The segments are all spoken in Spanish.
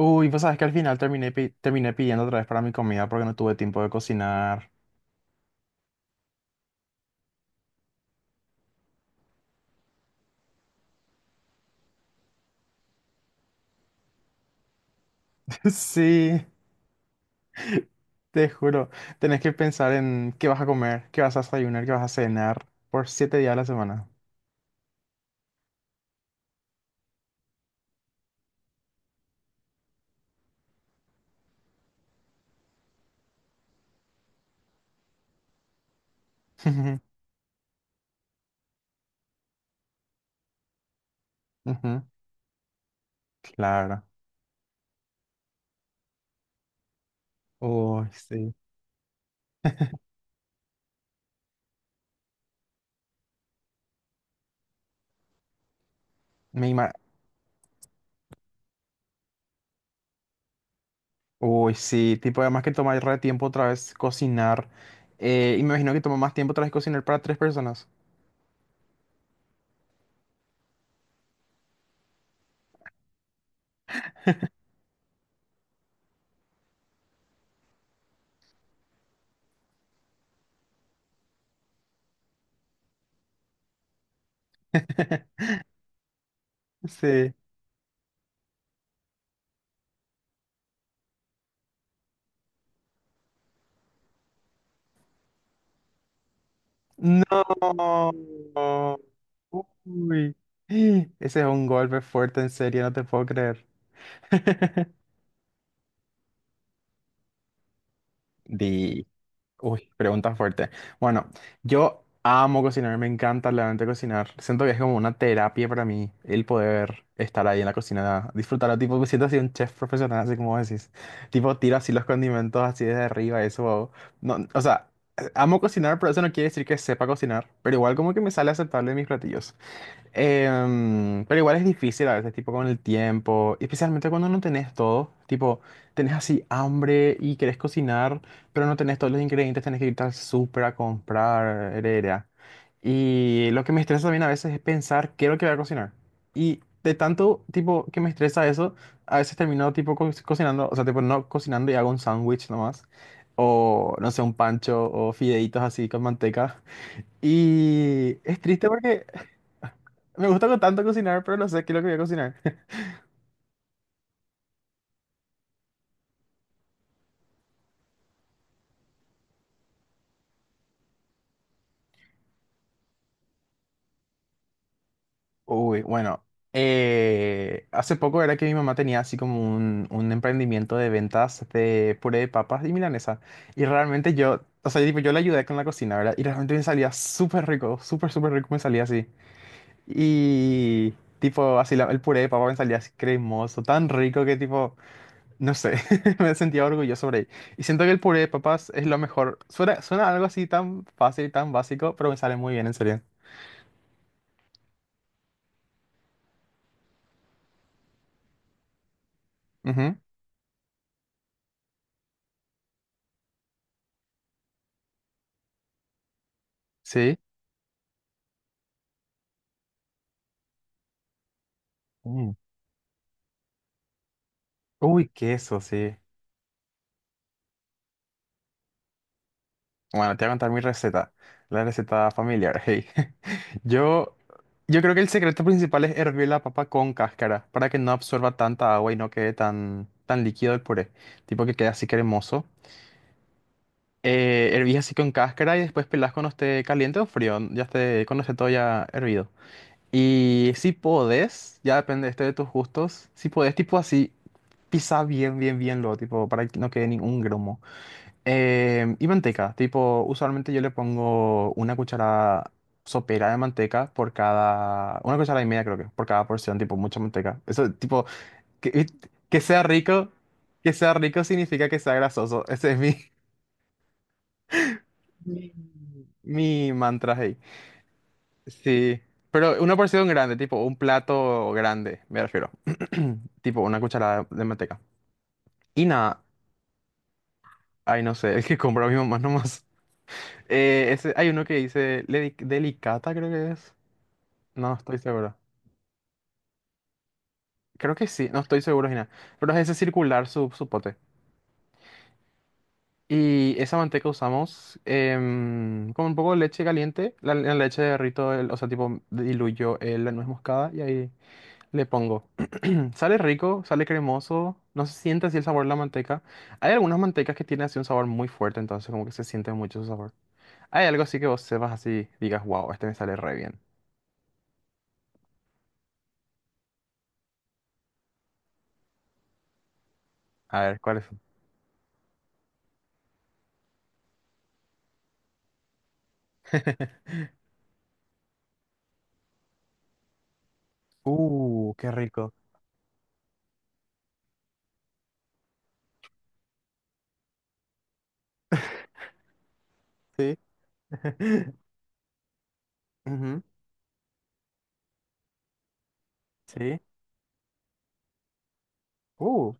Uy, pues sabes que al final terminé, terminé pidiendo otra vez para mi comida porque no tuve tiempo de cocinar. Sí, te juro. Tenés que pensar en qué vas a comer, qué vas a desayunar, qué vas a cenar por 7 días a la semana. Ujú. Claro. Uy, sí. Me ima- Uy, sí. Tipo, además que toma re tiempo otra vez cocinar. Y me imagino que toma más tiempo otra vez cocinar para tres personas. Sí. No. Uy. Ese es un golpe fuerte, en serio, no te puedo creer. Di. Uy, pregunta fuerte. Bueno, yo amo cocinar, me encanta realmente cocinar. Siento que es como una terapia para mí el poder estar ahí en la cocina, disfrutar. Tipo, me siento así un chef profesional, así como decís. Tipo, tiro así los condimentos así desde arriba, eso. Oh. No, o sea, amo cocinar, pero eso no quiere decir que sepa cocinar. Pero igual como que me sale aceptable en mis platillos. Pero igual es difícil a veces, tipo con el tiempo, y especialmente cuando no tenés todo, tipo, tenés así hambre y querés cocinar, pero no tenés todos los ingredientes, tenés que ir al súper a comprar, heredera. Y lo que me estresa también a veces es pensar qué es lo que voy a cocinar. Y de tanto, tipo, que me estresa eso, a veces termino, tipo, cocinando, o sea, tipo, no cocinando y hago un sándwich nomás, o no sé, un pancho o fideitos así con manteca. Y es triste porque me gusta con tanto cocinar, pero no sé qué es lo que voy a cocinar. Uy, bueno. Hace poco era que mi mamá tenía así como un emprendimiento de ventas de puré de papas y milanesa. Y realmente yo, o sea, tipo, yo le ayudé con la cocina, ¿verdad? Y realmente me salía súper rico, súper, súper rico me salía así. Y tipo, así el puré de papa me salía así cremoso, tan rico que tipo, no sé, me sentía orgulloso por ahí. Y siento que el puré de papas es lo mejor. Suena algo así tan fácil, tan básico, pero me sale muy bien, en serio. Ujú. Sí. Mm. Uy, queso, sí. Bueno, te voy a contar mi receta, la receta familiar. Hey. Yo, yo creo que el secreto principal es hervir la papa con cáscara para que no absorba tanta agua y no quede tan líquido el puré, tipo que quede así cremoso. Hervís así con cáscara y después pelás cuando esté caliente o frío, ya esté, cuando esté todo ya hervido. Y si podés, ya depende este de tus gustos, si podés tipo así, pisá bien, bien, bien lo, tipo para que no quede ningún grumo. Y manteca, tipo, usualmente yo le pongo una cuchara sopera de manteca por cada, una cuchara y media creo que, por cada porción, tipo, mucha manteca. Eso, tipo, que, que sea rico, que sea rico significa que sea grasoso. Ese es mi, mi mantra ahí. Sí, pero una porción grande, tipo, un plato grande, me refiero. Tipo, una cucharada de manteca. Y nada, ay, no sé, es que compro a mi mamá nomás. Hay uno que dice, delicata creo que es. No estoy seguro. Creo que sí, no estoy seguro, Gina. Pero es ese circular su pote. Y esa manteca usamos con un poco de leche caliente. La leche derrito, o sea, tipo, diluyo la nuez moscada y ahí le pongo. Sale rico, sale cremoso. No se siente así el sabor de la manteca. Hay algunas mantecas que tienen así un sabor muy fuerte, entonces como que se siente mucho su sabor. Hay algo así que vos sepas así, digas, wow, este me sale re bien. A ver, ¿cuál es? Qué rico. Sí. Ujú. Sí. Uh.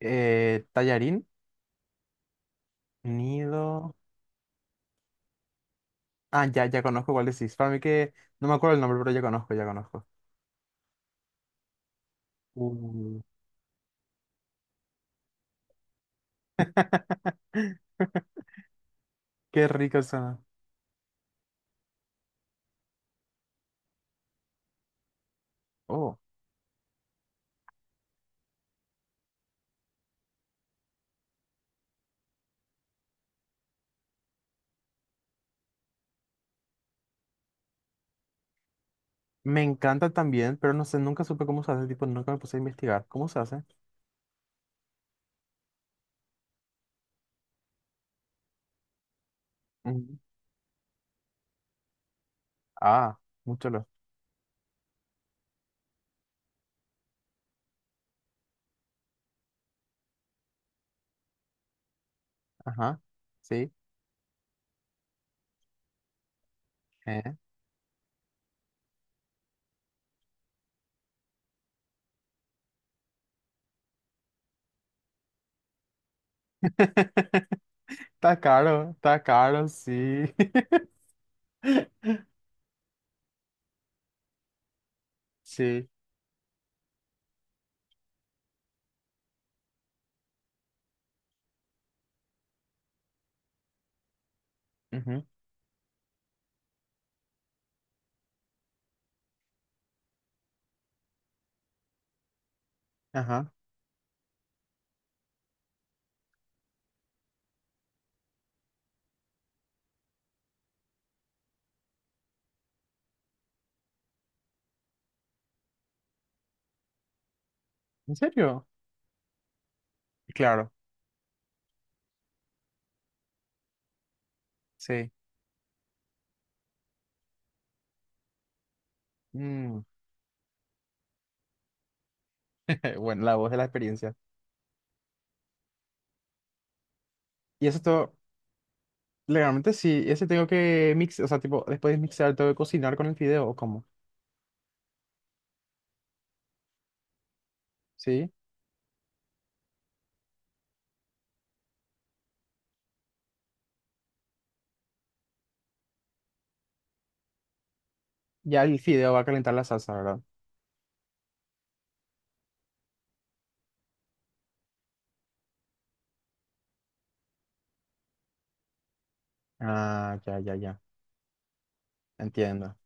Tallarín, nido. Ah, ya, ya conozco cuál decís. Para mí que no me acuerdo el nombre, pero ya conozco, ya conozco. Uh. Qué rico suena. Oh, me encanta también, pero no sé, nunca supe cómo se hace, tipo, nunca me puse a investigar. ¿Cómo se hace? Ujú. Ah, mucho lo. Ajá, sí. Eh. Está caro, sí. Sí. Ujú. Ajá. ¿En serio? Claro, sí. Mm. Bueno, la voz de la experiencia. Y eso todo. Legalmente sí, ese tengo que mixar, o sea, tipo, después de mixar tengo que cocinar con el fideo, ¿o cómo? ¿Sí? Ya el fideo va a calentar la salsa, ¿verdad? Ah, ya, ya, ya, entiendo.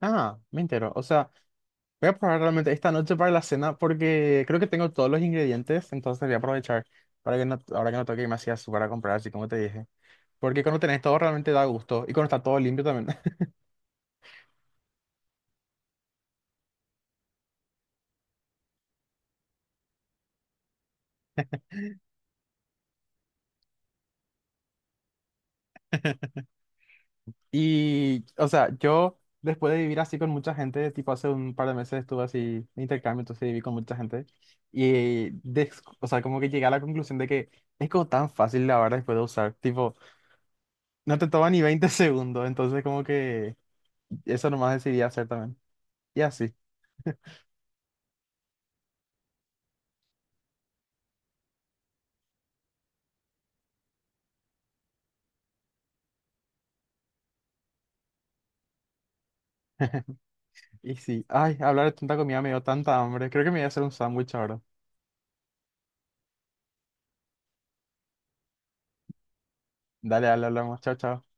Ah, me entero, o sea, voy a probar realmente esta noche para la cena porque creo que tengo todos los ingredientes, entonces voy a aprovechar para que no, ahora que no tengo que irme así a súper a comprar, así como te dije. Porque cuando tenés todo realmente da gusto y cuando está todo limpio también. Y, o sea, yo después de vivir así con mucha gente, tipo hace un par de meses estuve así de intercambio, entonces viví con mucha gente. Y, des- o sea, como que llegué a la conclusión de que es como tan fácil lavar después de usar. Tipo, no te toma ni 20 segundos, entonces como que eso nomás decidí hacer también. Y así, y sí. Ay, hablar de tanta comida me dio tanta hambre. Creo que me voy a hacer un sándwich ahora. Dale, dale, hablamos. Chao, chao.